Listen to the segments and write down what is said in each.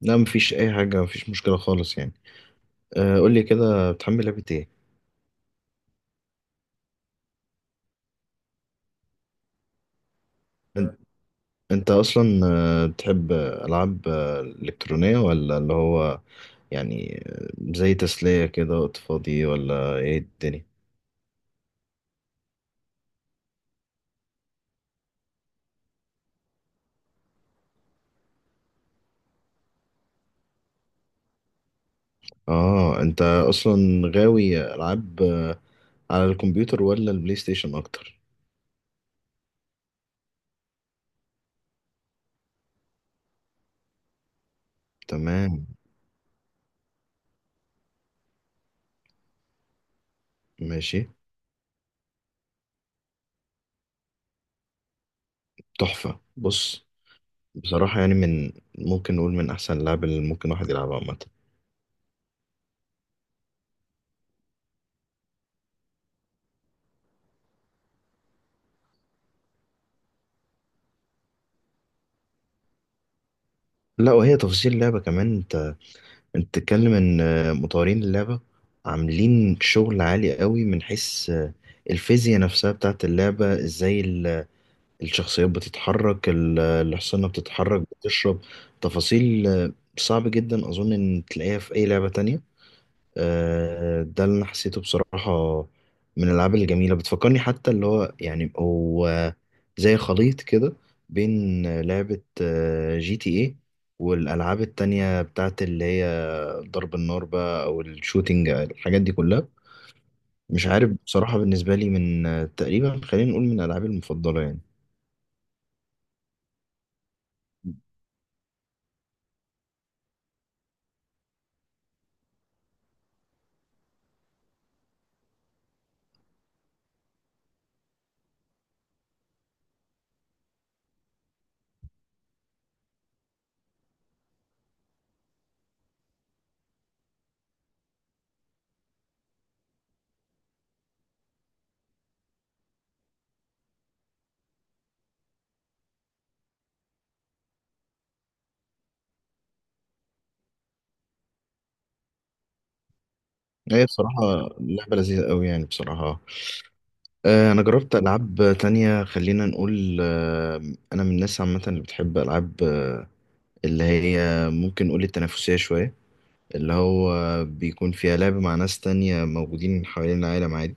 لا، مفيش اي حاجه، مفيش مشكله خالص يعني. آه، قول لي كده بتحمل لعبه ايه؟ أن- انت اصلا بتحب العاب الكترونيه، ولا اللي هو يعني زي تسليه كده وقت فاضي، ولا ايه الدنيا؟ اه، انت اصلا غاوي العاب على الكمبيوتر ولا البلاي ستيشن اكتر؟ تمام. ماشي. تحفه. بص، بصراحه يعني ممكن نقول من احسن اللعب اللي ممكن واحد يلعبها عامه. لا، وهي تفاصيل اللعبة كمان. انت بتتكلم ان مطورين اللعبة عاملين شغل عالي قوي، من حيث الفيزياء نفسها بتاعت اللعبة، ازاي الشخصيات بتتحرك، الحصانة بتتحرك، بتشرب، تفاصيل صعب جدا اظن ان تلاقيها في اي لعبة تانية. ده اللي انا حسيته بصراحة. من الالعاب الجميلة، بتفكرني حتى اللي هو يعني هو زي خليط كده بين لعبة جي تي ايه، والالعاب التانية بتاعت اللي هي ضرب النار بقى، او الشوتينج، الحاجات دي كلها. مش عارف بصراحة، بالنسبة لي تقريبا خلينا نقول من العابي المفضلة يعني. هي بصراحة لعبة لذيذة قوي يعني، بصراحة أنا جربت ألعاب تانية، خلينا نقول أنا من الناس عامة اللي بتحب ألعاب اللي هي ممكن نقول التنافسية شوية، اللي هو بيكون فيها لعب مع ناس تانية موجودين حوالين العالم عادي.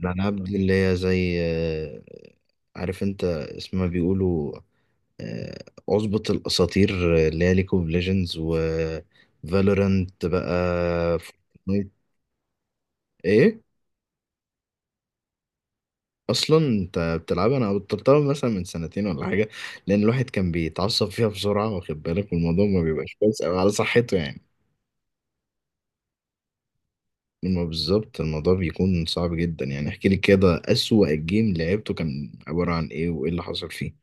الألعاب دي اللي هي زي عارف أنت، اسمها بيقولوا اظبط الاساطير اللي هي ليج اوف ليجندز، و فالورانت بقى، فورتنايت، ايه. اصلا انت بتلعبها، انا بطلتها مثلا من سنتين ولا حاجه، لان الواحد كان بيتعصب فيها بسرعه واخد بالك، والموضوع ما بيبقاش كويس أوي على صحته يعني. ما بالظبط، الموضوع بيكون صعب جدا يعني. احكي لي كده، اسوأ جيم لعبته كان عباره عن ايه، وايه اللي حصل فيه؟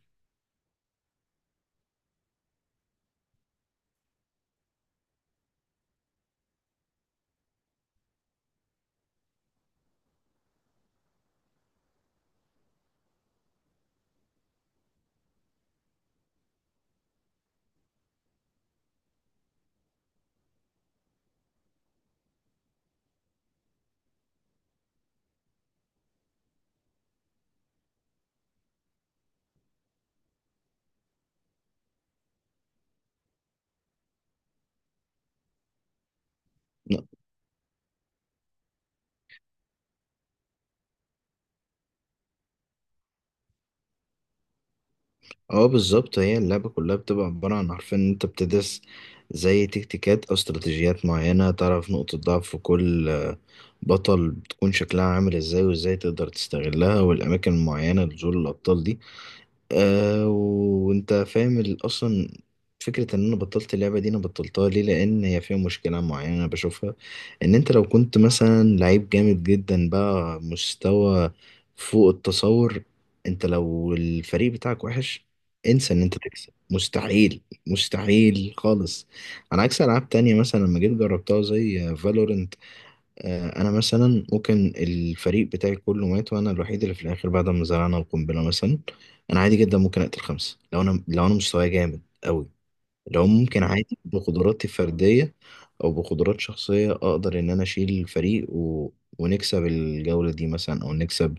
اه، بالظبط. هي اللعبة كلها بتبقى عبارة عن، عارفين ان انت بتدرس زي تكتيكات او استراتيجيات معينة، تعرف نقطة ضعف كل بطل، بتكون شكلها عامل ازاي، وازاي تقدر تستغلها، والاماكن المعينة لنزول الابطال دي. وانت فاهم اصلا فكرة ان انا بطلت اللعبة دي، انا بطلتها ليه؟ لان هي فيها مشكلة معينة انا بشوفها. ان انت لو كنت مثلا لعيب جامد جدا بقى، مستوى فوق التصور، انت لو الفريق بتاعك وحش، انسى ان انت تكسب. مستحيل. مستحيل خالص. على عكس العاب تانية مثلا لما جيت جربتها، زي فالورنت، انا مثلا ممكن الفريق بتاعي كله مات، وانا الوحيد اللي في الاخر بعد ما زرعنا القنبله مثلا، انا عادي جدا ممكن اقتل 5، لو انا مستواي جامد قوي، لو ممكن عادي بقدراتي الفرديه او بقدرات شخصيه اقدر ان انا اشيل الفريق ونكسب الجوله دي مثلا، او نكسب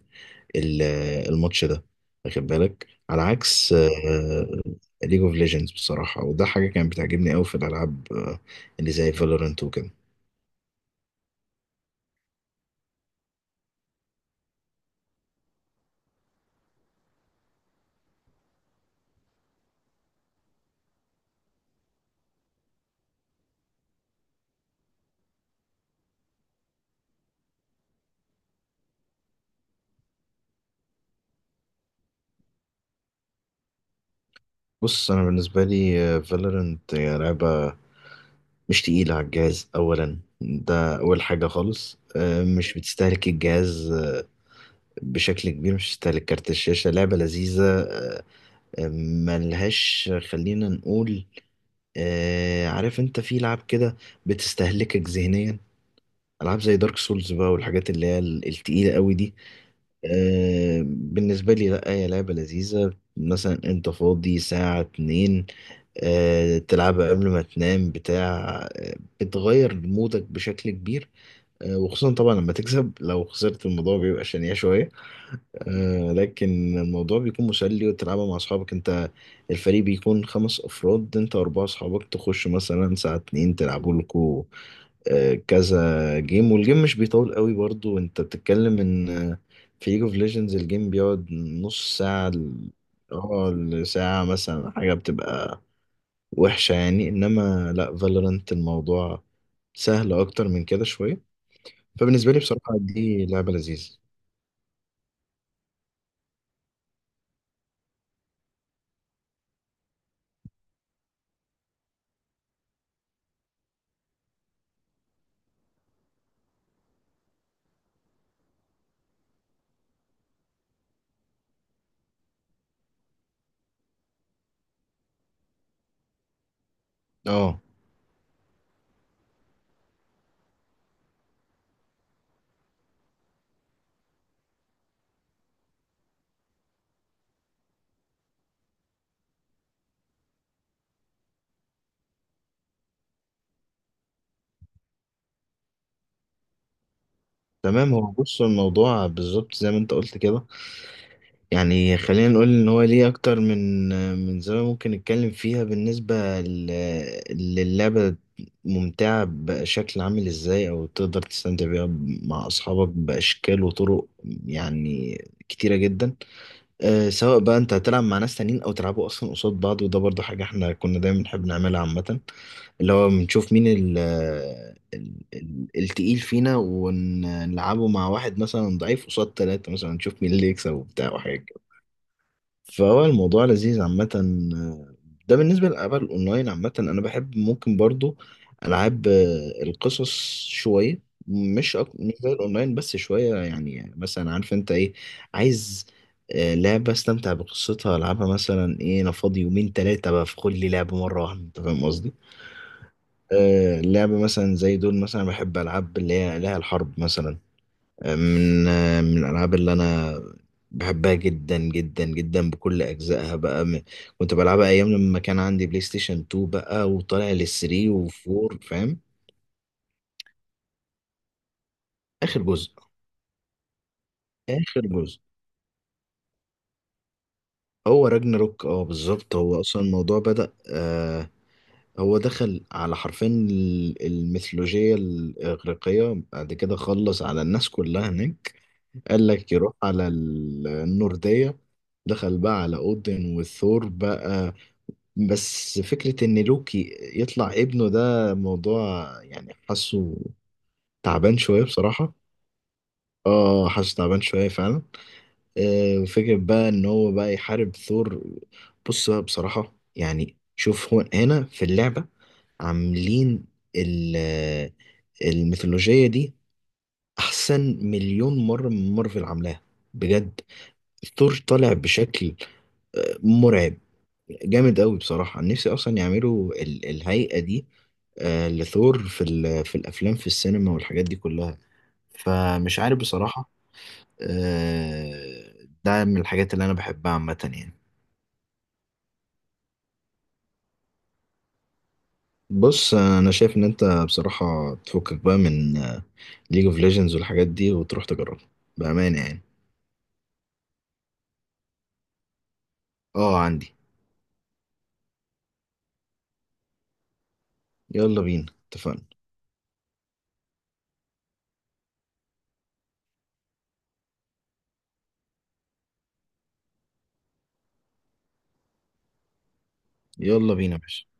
ال- الماتش ده، واخد بالك، على عكس ليج اوف ليجندز بصراحه. وده حاجه كانت بتعجبني قوي في الالعاب اللي زي فالورنت وكده. بص انا بالنسبه لي، فالورنت هي لعبه مش تقيله على الجهاز اولا، ده اول حاجه خالص، مش بتستهلك الجهاز بشكل كبير، مش بتستهلك كارت الشاشه، لعبه لذيذه آه، ملهاش، خلينا نقول عارف انت في لعب كده بتستهلكك ذهنيا، العاب زي دارك سولز بقى، والحاجات اللي هي التقيله قوي دي. بالنسبه لي لا، هي لعبه لذيذه، مثلا انت فاضي ساعه 2 تلعبها قبل ما تنام بتاع، بتغير مودك بشكل كبير، وخصوصا طبعا لما تكسب. لو خسرت الموضوع بيبقى شنيع شوية، لكن الموضوع بيكون مسلي، وتلعبها مع أصحابك أنت. الفريق بيكون 5 أفراد، أنت و4 أصحابك، تخش مثلا ساعة 2 تلعبوا لكوا كذا جيم. والجيم مش بيطول قوي برضو، أنت بتتكلم إن في ليج اوف ليجندز الجيم بيقعد نص ساعة لساعة مثلا، حاجة بتبقى وحشة يعني. انما لا، فالورانت الموضوع سهل اكتر من كده شوية، فبالنسبة لي بصراحة دي لعبة لذيذة. اه، تمام. هو بص، الموضوع بالظبط زي ما انت قلت كده يعني، خلينا نقول ان هو ليه اكتر من زاوية ممكن نتكلم فيها، بالنسبة للعبة ممتعة، بشكل عامل ازاي او تقدر تستمتع بيها مع اصحابك باشكال وطرق، يعني كتيرة جدا، سواء بقى انت هتلعب مع ناس تانيين، او تلعبوا اصلا قصاد بعض، وده برضو حاجة احنا كنا دايما بنحب نعملها عامة، اللي هو بنشوف مين ال آه، ال ال التقيل فينا، ونلعبه مع واحد مثلا ضعيف قصاد 3، مثلا نشوف مين اللي يكسب، وبتاع وحاجة. فهو الموضوع لذيذ عامة. ده بالنسبة للألعاب الأونلاين عامة. أنا بحب ممكن برضو ألعاب القصص شوية، مش زي الأونلاين، بس شوية يعني مثلا، عارف أنت إيه عايز، لعبة أستمتع بقصتها، ألعبها مثلا إيه أنا فاضي يومين 3 بدخل لي لعبة مرة واحدة، أنت فاهم قصدي؟ لعبة مثلا زي دول مثلا، بحب ألعاب اللي هي لها الحرب مثلا، من من الالعاب اللي انا بحبها جدا جدا جدا بكل اجزائها بقى، كنت بلعبها ايام لما كان عندي بلاي ستيشن 2 بقى، وطالع لل3 و4، فاهم. اخر جزء. اخر جزء. هو راجناروك، اه بالظبط. هو اصلا الموضوع بدأ هو دخل على حرفين الميثولوجية الإغريقية، بعد كده خلص على الناس كلها هناك، قال لك يروح على النوردية، دخل بقى على أودن وثور بقى. بس فكرة إن لوكي يطلع ابنه، ده موضوع يعني حاسه تعبان شوية بصراحة. اه، حاسه تعبان شوية فعلا. فكرة بقى إن هو بقى يحارب ثور. بص بقى بصراحة يعني، شوف هو هنا في اللعبة عاملين ال- الميثولوجية دي أحسن مليون مرة من مارفل عاملاها، بجد. ثور طالع بشكل مرعب، جامد قوي بصراحة. نفسي أصلا يعملوا الهيئة دي لثور في الأفلام، في السينما والحاجات دي كلها، فمش عارف بصراحة. ده من الحاجات اللي أنا بحبها عامة يعني. بص أنا شايف إن أنت بصراحة تفكك بقى من ليج اوف ليجندز والحاجات دي، وتروح تجربها، بأمانة يعني. اه، عندي. يلا بينا، اتفقنا. يلا بينا يا باشا.